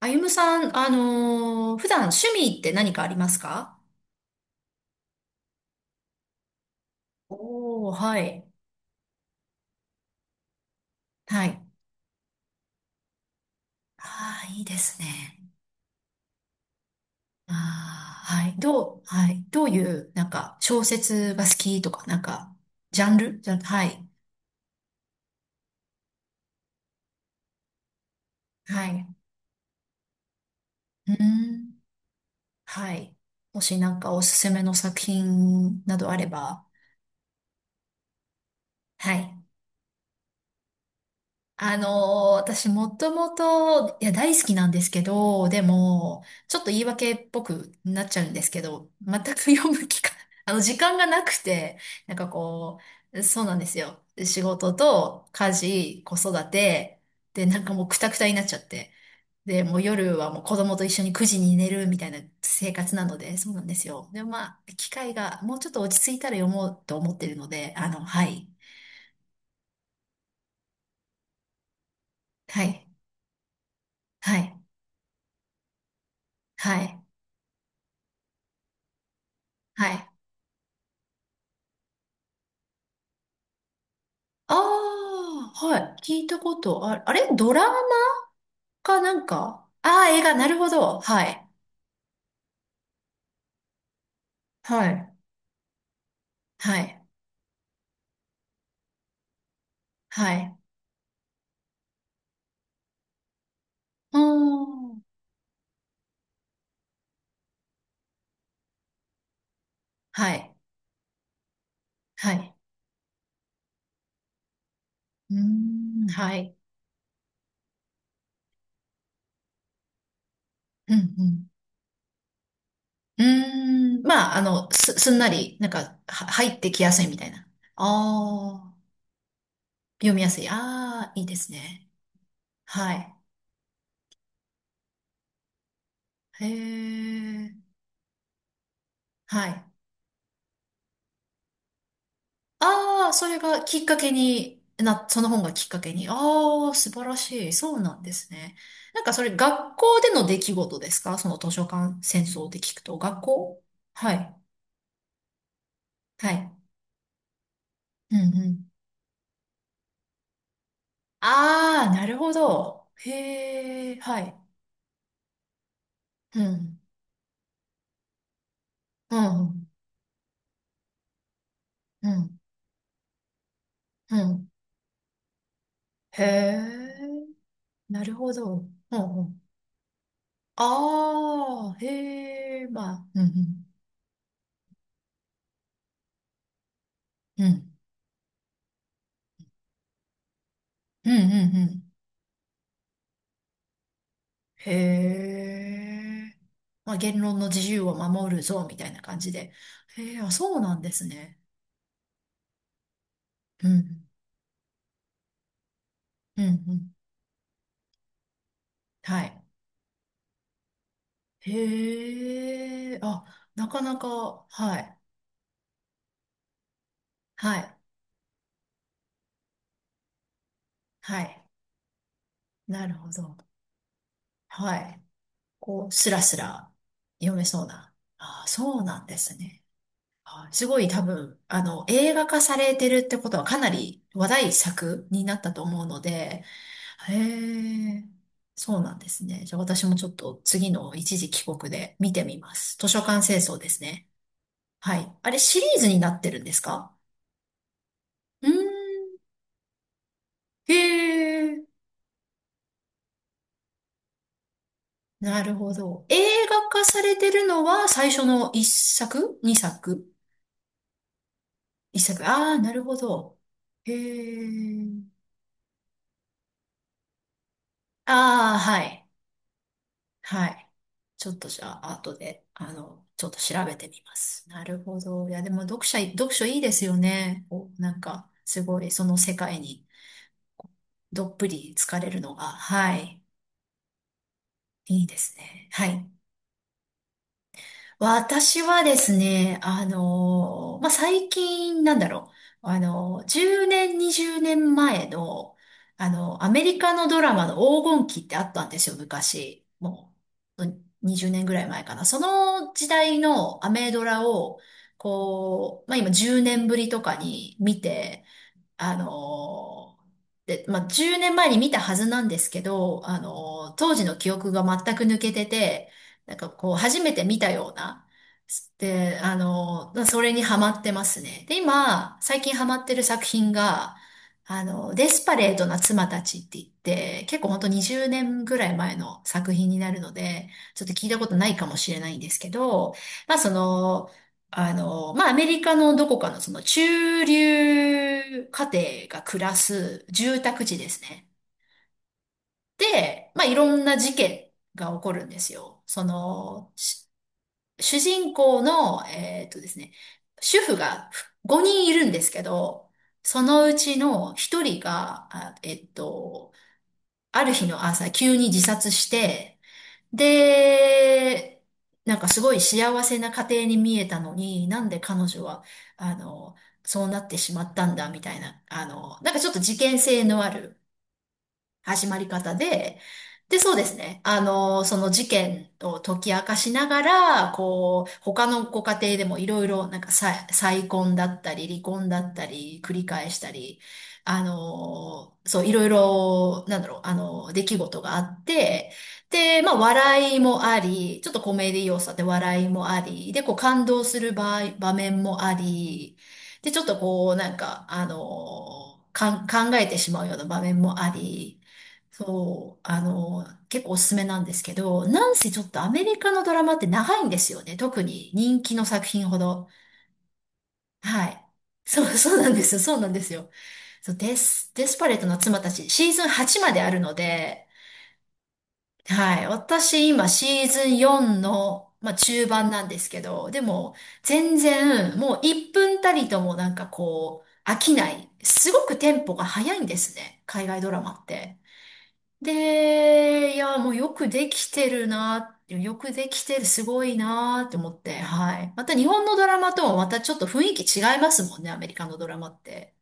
あゆむさん、普段趣味って何かありますか？おー、はい。はい。ああ、いいですね。ああ、はい。はい。どういう、なんか、小説が好きとか、なんか、ジャンルじゃ、はい。はい。うーん。はい。もしなんかおすすめの作品などあれば。はい。あのー私もともと、いや、大好きなんですけど、でも、ちょっと言い訳っぽくなっちゃうんですけど、全く読む機会、時間がなくて、なんかこう、そうなんですよ。仕事と家事、子育て、で、なんかもうクタクタになっちゃって。で、もう夜はもう子供と一緒に9時に寝るみたいな生活なので、そうなんですよ。でもまあ、機会がもうちょっと落ち着いたら読もうと思ってるので、はい。はい。はい。はい。はい。ああ、はい。聞いたこと、あ、あれドラマかなんかああー、映画、なるほど。はい。はい。はい。はい。うーん。はい。はい。うーん。はい。うん、うん。うーん。まあ、すんなり、なんか、入ってきやすいみたいな。ああ、読みやすい。ああ、いいですね。はい。へえ。はい。ああ、それがきっかけに、その本がきっかけに。ああ、素晴らしい。そうなんですね。なんかそれ学校での出来事ですか？その図書館戦争で聞くと。学校。はい。はい。うんうん。ああ、なるほど。へえ、はい。うん。うん。うん。うん。へえ、なるほど。うんうん。ああ、へえ、まあ、うんうん。うん。うんうんうん。へえ。まあ、言論の自由を守るぞ、みたいな感じで。へえ、あ、そうなんですね。うん、うん、うん。はい。へえ、あ、なかなか、はい、はい、はい。なるほど。はい。こう、スラスラ読めそうな。あ、そうなんですね。あ、すごい多分、映画化されてるってことはかなり話題作になったと思うので、へえ、そうなんですね。じゃあ私もちょっと次の一時帰国で見てみます。図書館清掃ですね。はい。あれシリーズになってるんですか？うーん。へえ、なるほど。映画化されてるのは最初の一作二作？一作。ああ、なるほど。へえ。ああ、はい。はい。ちょっとじゃあ、後で、ちょっと調べてみます。なるほど。いや、でも読書いいですよね。お、なんか、すごい、その世界にどっぷり浸かれるのが、はい、いいですね。はい。私はですね、まあ、最近、なんだろう、10年、20年前の、アメリカのドラマの黄金期ってあったんですよ、昔。もう、にじゅうねん20年ぐらい前かな。その時代のアメドラを、こう、まあ、今10年ぶりとかに見て、あので、まあ、10年前に見たはずなんですけど、当時の記憶が全く抜けてて、なんかこう、初めて見たような、で、それにハマってますね。で、今、最近ハマってる作品が、デスパレートな妻たちって言って、結構ほんと20年ぐらい前の作品になるので、ちょっと聞いたことないかもしれないんですけど、まあその、まあ、アメリカのどこかのその中流家庭が暮らす住宅地ですね。で、まあ、いろんな事件が起こるんですよ。主人公の、えっとですね、主婦が5人いるんですけど、そのうちの1人が、ある日の朝急に自殺して、で、なんかすごい幸せな家庭に見えたのに、なんで彼女は、あの、そうなってしまったんだ、みたいな、なんかちょっと事件性のある始まり方で、で、そうですね。その事件を解き明かしながら、こう、他のご家庭でもいろいろ、なんか再婚だったり、離婚だったり、繰り返したり、そう、いろいろ、なんだろう、出来事があって、で、まあ、笑いもあり、ちょっとコメディ要素で笑いもあり、で、こう、感動する場面もあり、で、ちょっとこう、なんか、考えてしまうような場面もあり、そう、結構おすすめなんですけど、なんせちょっとアメリカのドラマって長いんですよね。特に人気の作品ほど。はい。そう、そうなんですよ。そうなんですよ。そう、デスパレートの妻たち、シーズン8まであるので、はい。私今シーズン4の、まあ、中盤なんですけど、でも全然もう1分たりともなんかこう飽きない。すごくテンポが速いんですね。海外ドラマって。で、いや、もうよくできてるな、よくできてる、すごいなって思って、はい。また日本のドラマとはまたちょっと雰囲気違いますもんね、アメリカのドラマって。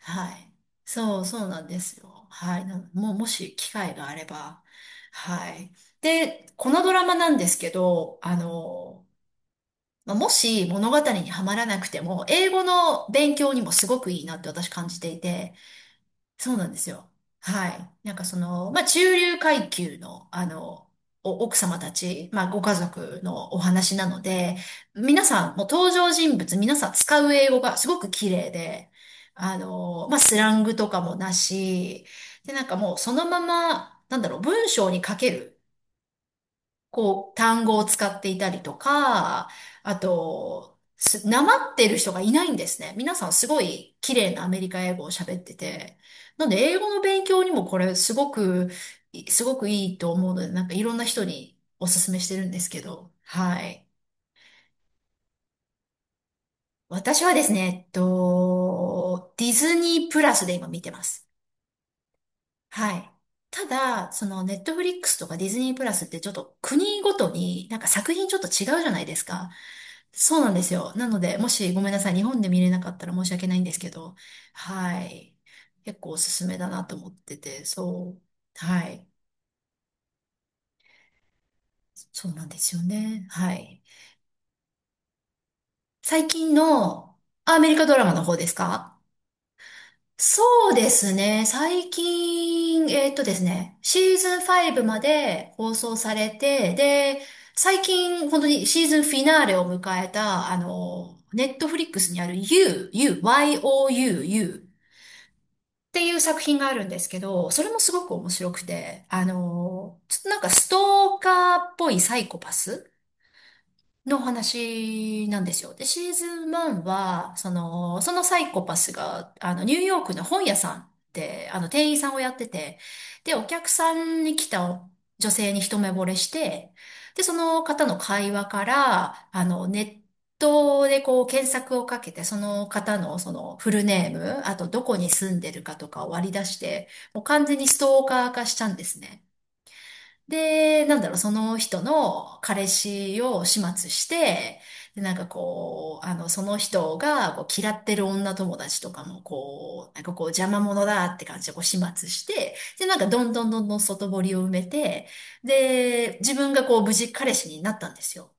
はい。そう、そうなんですよ。はい。なもう、もし機会があれば。はい。で、このドラマなんですけど、まあもし物語にはまらなくても、英語の勉強にもすごくいいなって私感じていて、そうなんですよ。はい。なんかその、まあ、中流階級の、奥様たち、まあ、ご家族のお話なので、皆さん、もう登場人物、皆さん使う英語がすごく綺麗で、まあ、スラングとかもなし、で、なんかもうそのまま、なんだろう、文章に書ける。こう、単語を使っていたりとか、あと、なまってる人がいないんですね。皆さんすごい綺麗なアメリカ英語を喋ってて。なんで、英語の勉強にもこれすごく、すごくいいと思うので、なんかいろんな人におすすめしてるんですけど。はい。私はですね、えっと、ディズニープラスで今見てます。はい。ただ、その、ネットフリックスとかディズニープラスってちょっと国ごとになんか作品ちょっと違うじゃないですか。そうなんですよ。なので、もしごめんなさい、日本で見れなかったら申し訳ないんですけど、はい。結構おすすめだなと思ってて、そう。はい。そうなんですよね。はい。最近のアメリカドラマの方ですか？そうですね。最近、ですね、シーズン5まで放送されて、で、最近、本当にシーズンフィナーレを迎えた、ネットフリックスにある YOU っていう作品があるんですけど、それもすごく面白くて、ちょっとなんかストーカーっぽいサイコパスの話なんですよ。で、シーズン1は、その、そのサイコパスが、ニューヨークの本屋さんで、店員さんをやってて、で、お客さんに来た女性に一目惚れして、で、その方の会話から、ネットでこう検索をかけて、その方のそのフルネーム、あとどこに住んでるかとかを割り出して、もう完全にストーカー化しちゃうんですね。で、なんだろう、その人の彼氏を始末して、で、なんかこう、その人がこう嫌ってる女友達とかもこう、なんかこう邪魔者だって感じでこう始末して、で、なんかどんどんどんどん外堀を埋めて、で、自分がこう無事彼氏になったんですよ。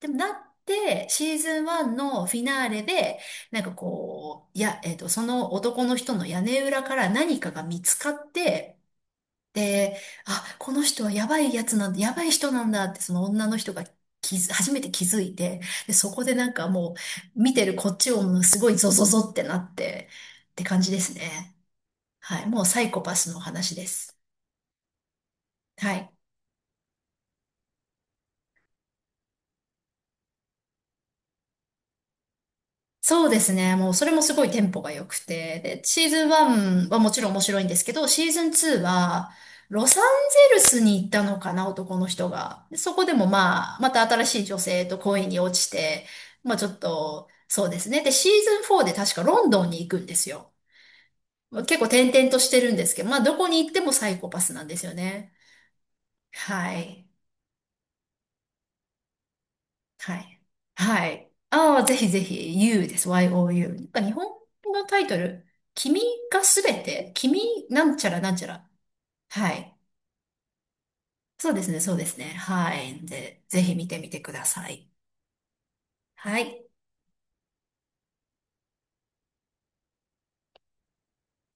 でもなって、シーズン1のフィナーレで、なんかこう、いや、その男の人の屋根裏から何かが見つかって、で、あ、この人はやばいやつなんだ、やばい人なんだってその女の人が初めて気づいて、で、そこでなんかもう見てるこっちをもうすごいゾゾゾってなってって感じですね。はい。もうサイコパスの話です。はい。そうですね。もうそれもすごいテンポが良くて。で、シーズン1はもちろん面白いんですけど、シーズン2はロサンゼルスに行ったのかな、男の人が。でそこでもまあ、また新しい女性と恋に落ちて、まあちょっと、そうですね。で、シーズン4で確かロンドンに行くんですよ。まあ結構転々としてるんですけど、まあどこに行ってもサイコパスなんですよね。はい。はい。はい。ああ、ぜひぜひ、You です。YOU。なんか日本のタイトル、君がすべて、君なんちゃらなんちゃら。はい。そうですね、そうですね。はい。で、ぜひ見てみてください。はい。